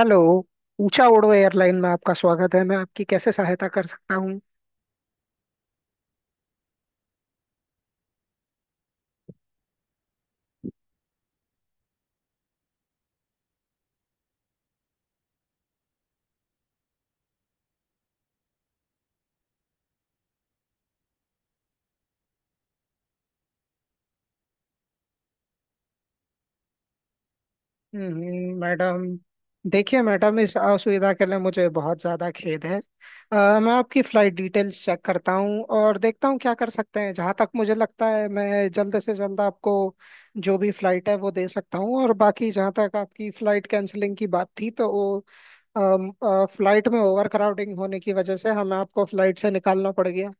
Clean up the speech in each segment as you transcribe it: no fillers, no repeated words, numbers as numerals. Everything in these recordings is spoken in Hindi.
हेलो। ऊंचा उड़ो एयरलाइन में आपका स्वागत है। मैं आपकी कैसे सहायता कर सकता हूँ। मैडम। देखिए मैडम, इस असुविधा के लिए मुझे बहुत ज़्यादा खेद है। मैं आपकी फ़्लाइट डिटेल्स चेक करता हूँ और देखता हूँ क्या कर सकते हैं। जहाँ तक मुझे लगता है, मैं जल्द से जल्द आपको जो भी फ़्लाइट है वो दे सकता हूँ। और बाकी जहाँ तक आपकी फ़्लाइट कैंसिलिंग की बात थी, तो वो फ़्लाइट में ओवर क्राउडिंग होने की वजह से हमें आपको फ़्लाइट से निकालना पड़ गया।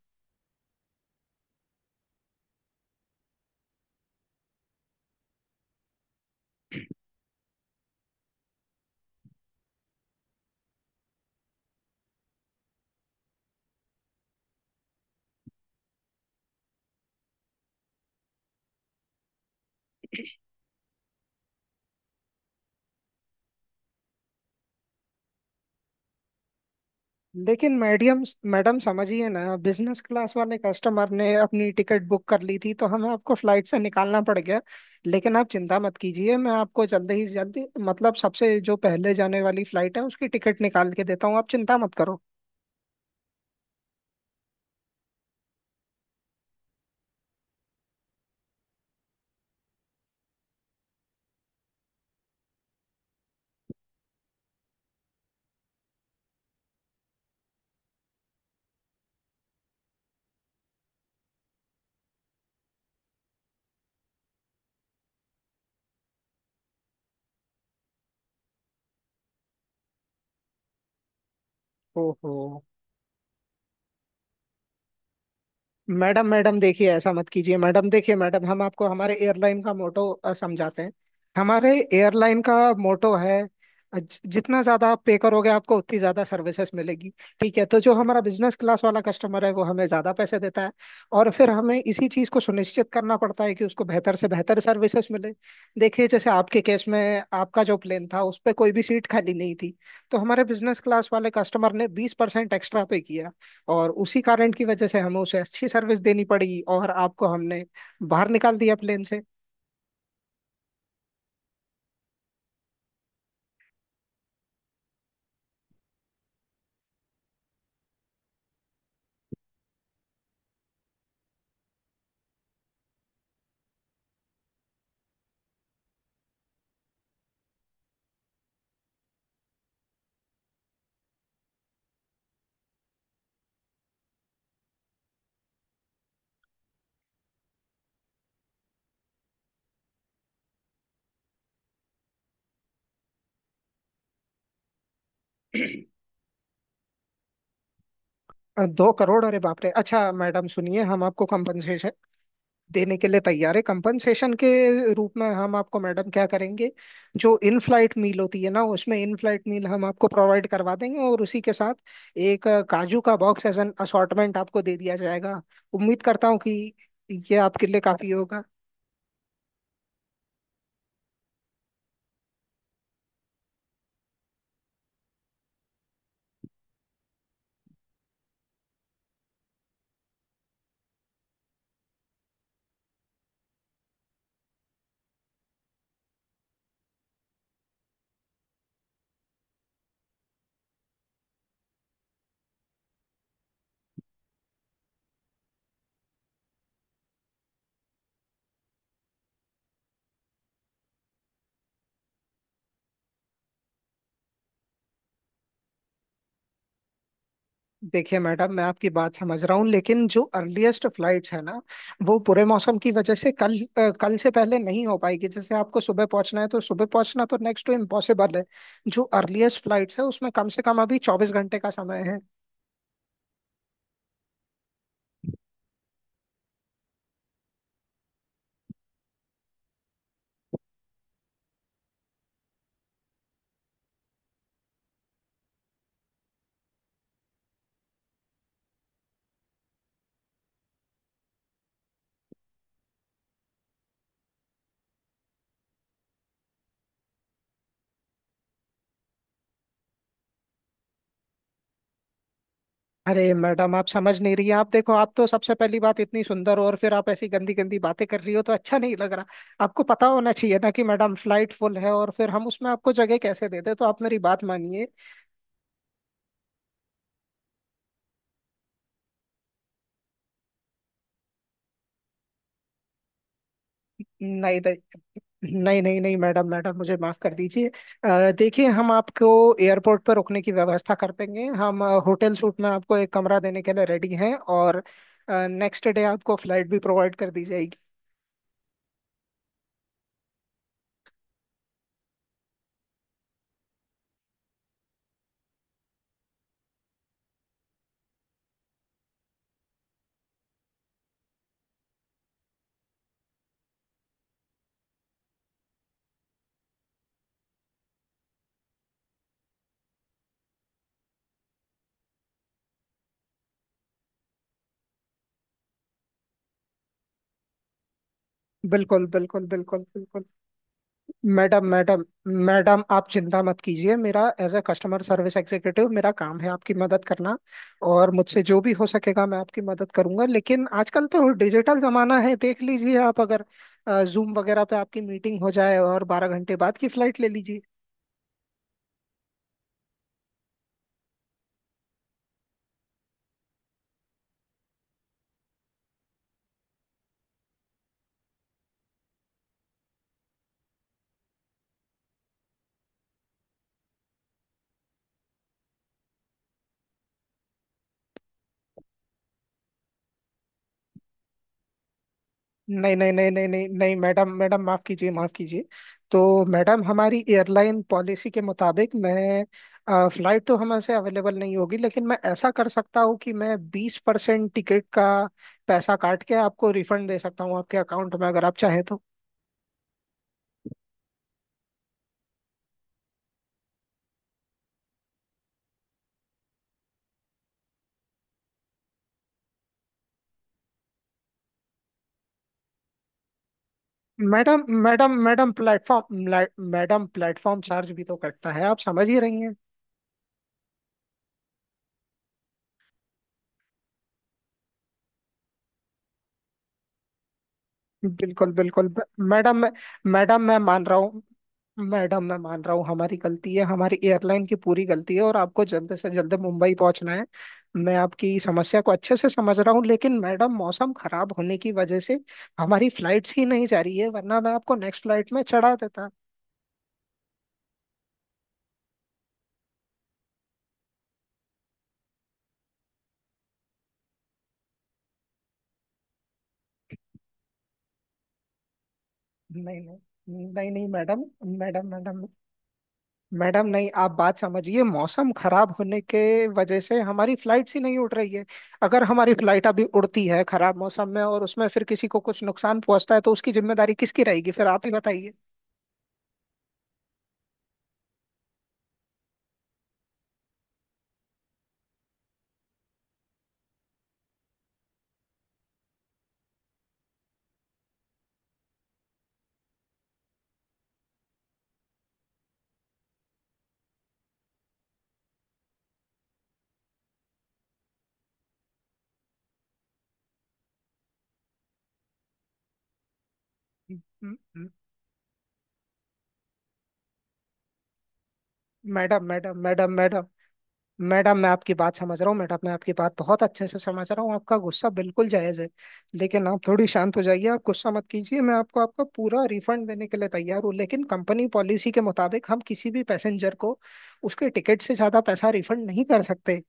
लेकिन मैडियम मैडम समझिए ना, बिजनेस क्लास वाले कस्टमर ने अपनी टिकट बुक कर ली थी तो हमें आपको फ्लाइट से निकालना पड़ गया। लेकिन आप चिंता मत कीजिए, मैं आपको जल्दी ही जल्दी मतलब सबसे जो पहले जाने वाली फ्लाइट है उसकी टिकट निकाल के देता हूँ। आप चिंता मत करो। ओहो। मैडम मैडम देखिए, ऐसा मत कीजिए मैडम। देखिए मैडम, हम आपको हमारे एयरलाइन का मोटो समझाते हैं। हमारे एयरलाइन का मोटो है, जितना ज्यादा आप पे करोगे आपको उतनी ज्यादा सर्विसेज मिलेगी। ठीक है, तो जो हमारा बिजनेस क्लास वाला कस्टमर है वो हमें ज्यादा पैसे देता है और फिर हमें इसी चीज को सुनिश्चित करना पड़ता है कि उसको बेहतर से बेहतर सर्विसेज मिले। देखिए, जैसे आपके केस में आपका जो प्लेन था उस पर कोई भी सीट खाली नहीं थी तो हमारे बिजनेस क्लास वाले कस्टमर ने 20% एक्स्ट्रा पे किया और उसी कारण की वजह से हमें उसे अच्छी सर्विस देनी पड़ी और आपको हमने बाहर निकाल दिया प्लेन से। 2 करोड़? अरे बाप रे! अच्छा मैडम सुनिए, हम आपको कंपनसेशन देने के लिए तैयार है। कंपनसेशन के रूप में हम आपको मैडम क्या करेंगे, जो इन फ्लाइट मील होती है ना, उसमें इन फ्लाइट मील हम आपको प्रोवाइड करवा देंगे। और उसी के साथ एक काजू का बॉक्स एज एन असॉर्टमेंट आपको दे दिया जाएगा। उम्मीद करता हूँ कि ये आपके लिए काफी होगा। देखिए मैडम, मैं आपकी बात समझ रहा हूँ लेकिन जो अर्लीस्ट फ्लाइट्स है ना, वो पूरे मौसम की वजह से कल से पहले नहीं हो पाएगी। जैसे आपको सुबह पहुंचना है, तो सुबह पहुंचना तो नेक्स्ट टू इम्पॉसिबल है। जो अर्लीस्ट फ्लाइट्स है उसमें कम से कम अभी 24 घंटे का समय है। अरे मैडम, आप समझ नहीं रही हैं। आप देखो, आप तो सबसे पहली बात इतनी सुंदर हो और फिर आप ऐसी गंदी गंदी बातें कर रही हो तो अच्छा नहीं लग रहा। आपको पता होना चाहिए ना कि मैडम फ्लाइट फुल है और फिर हम उसमें आपको जगह कैसे देते। तो आप मेरी बात मानिए। नहीं नहीं नहीं नहीं नहीं, मैडम मैडम, मुझे माफ कर दीजिए। देखिए, हम आपको एयरपोर्ट पर रुकने की व्यवस्था कर देंगे। हम होटल सूट में आपको एक कमरा देने के लिए रेडी हैं और नेक्स्ट डे आपको फ्लाइट भी प्रोवाइड कर दी जाएगी। बिल्कुल बिल्कुल बिल्कुल बिल्कुल। मैडम मैडम मैडम, आप चिंता मत कीजिए। मेरा as a customer service executive मेरा काम है आपकी मदद करना और मुझसे जो भी हो सकेगा मैं आपकी मदद करूंगा। लेकिन आजकल तो डिजिटल जमाना है, देख लीजिए आप, अगर जूम वगैरह पे आपकी मीटिंग हो जाए और 12 घंटे बाद की फ्लाइट ले लीजिए। नहीं नहीं नहीं नहीं नहीं नहीं, मैडम मैडम, माफ़ कीजिए माफ़ कीजिए। तो मैडम, हमारी एयरलाइन पॉलिसी के मुताबिक मैं फ़्लाइट तो हमसे अवेलेबल नहीं होगी लेकिन मैं ऐसा कर सकता हूँ कि मैं 20% टिकट का पैसा काट के आपको रिफंड दे सकता हूँ आपके अकाउंट में, अगर आप चाहें तो। Madam madam madam platform, madam platform charge भी तो कटता है, आप समझ ही रही हैं। बिल्कुल बिल्कुल। मैडम मैं मैडम मैं मान रहा हूँ, मैडम मैं मान रहा हूँ हमारी गलती है, हमारी एयरलाइन की पूरी गलती है और आपको जल्द से जल्द मुंबई पहुंचना है। मैं आपकी समस्या को अच्छे से समझ रहा हूँ लेकिन मैडम, मौसम खराब होने की वजह से हमारी फ्लाइट्स ही नहीं जा रही है, वरना मैं आपको नेक्स्ट फ्लाइट में चढ़ा देता। नहीं नहीं नहीं नहीं, मैडम मैडम मैडम मैडम, नहीं, आप बात समझिए, मौसम खराब होने के वजह से हमारी फ्लाइट्स ही नहीं उड़ रही है। अगर हमारी फ्लाइट अभी उड़ती है खराब मौसम में और उसमें फिर किसी को कुछ नुकसान पहुंचता है, तो उसकी जिम्मेदारी किसकी रहेगी, फिर आप ही बताइए। म- म- madam madam madam madam madam, मैं आपकी बात समझ रहा हूँ। मैडम मैं आपकी बात बहुत अच्छे से समझ रहा हूँ, आपका गुस्सा बिल्कुल जायज़ है लेकिन आप थोड़ी शांत हो जाइए, आप गुस्सा मत कीजिए। मैं आपको आपका पूरा रिफंड देने के लिए तैयार हूँ लेकिन कंपनी पॉलिसी के मुताबिक हम किसी भी पैसेंजर को उसके टिकट से ज़्यादा पैसा रिफंड नहीं कर सकते।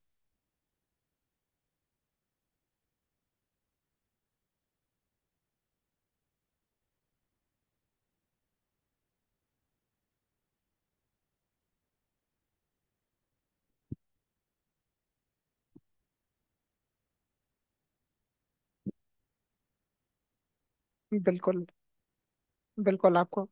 बिल्कुल बिल्कुल। आपको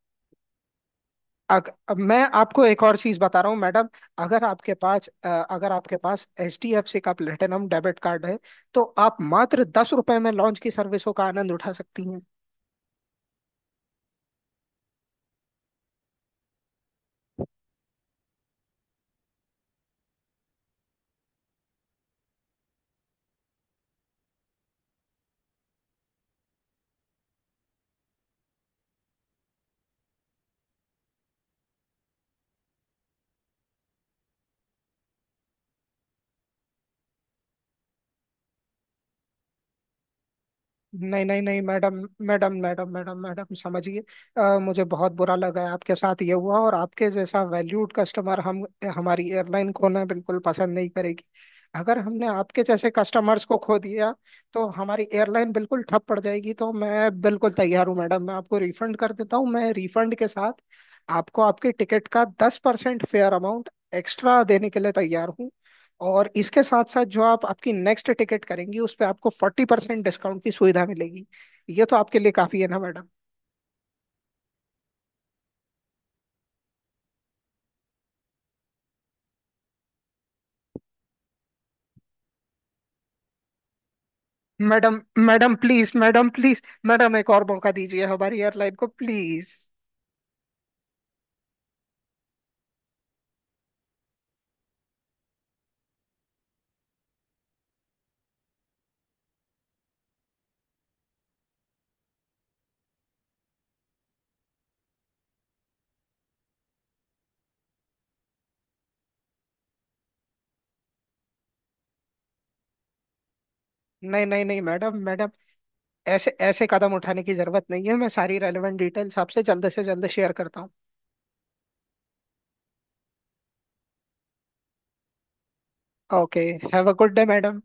अब मैं आपको एक और चीज़ बता रहा हूँ मैडम। अगर आपके पास HDFC का प्लेटिनम डेबिट कार्ड है, तो आप मात्र 10 रुपए में लॉन्च की सर्विसों का आनंद उठा सकती। नहीं नहीं नहीं, madam madam madam madam, madam समझिए। मुझे बहुत बुरा लगा है आपके साथ ये हुआ और आपके जैसा वैल्यूड कस्टमर हम हमारी एयरलाइन खोना बिल्कुल पसंद नहीं करेगी। अगर हमने आपके जैसे कस्टमर्स को खो दिया तो हमारी एयरलाइन बिल्कुल ठप पड़ जाएगी। तो मैं बिल्कुल तैयार हूँ मैडम, मैं आपको रिफंड कर देता हूँ। मैं रिफंड के साथ आपको आपकी टिकट का 10% फेयर अमाउंट एक्स्ट्रा देने के लिए तैयार हूँ और इसके साथ साथ जो आप आपकी नेक्स्ट टिकट करेंगी उस पे आपको 40% डिस्काउंट की सुविधा मिलेगी। ये तो आपके लिए काफी है ना madam. Madam madam please, madam please madam, एक और मौका दीजिए हमारी एयरलाइन को, प्लीज। नहीं नहीं नहीं, मैडम मैडम, ऐसे ऐसे कदम उठाने की जरूरत नहीं है। मैं सारी रेलेवेंट डिटेल्स आपसे जल्द से जल्द शेयर करता हूँ। Okay. Have a good day madam.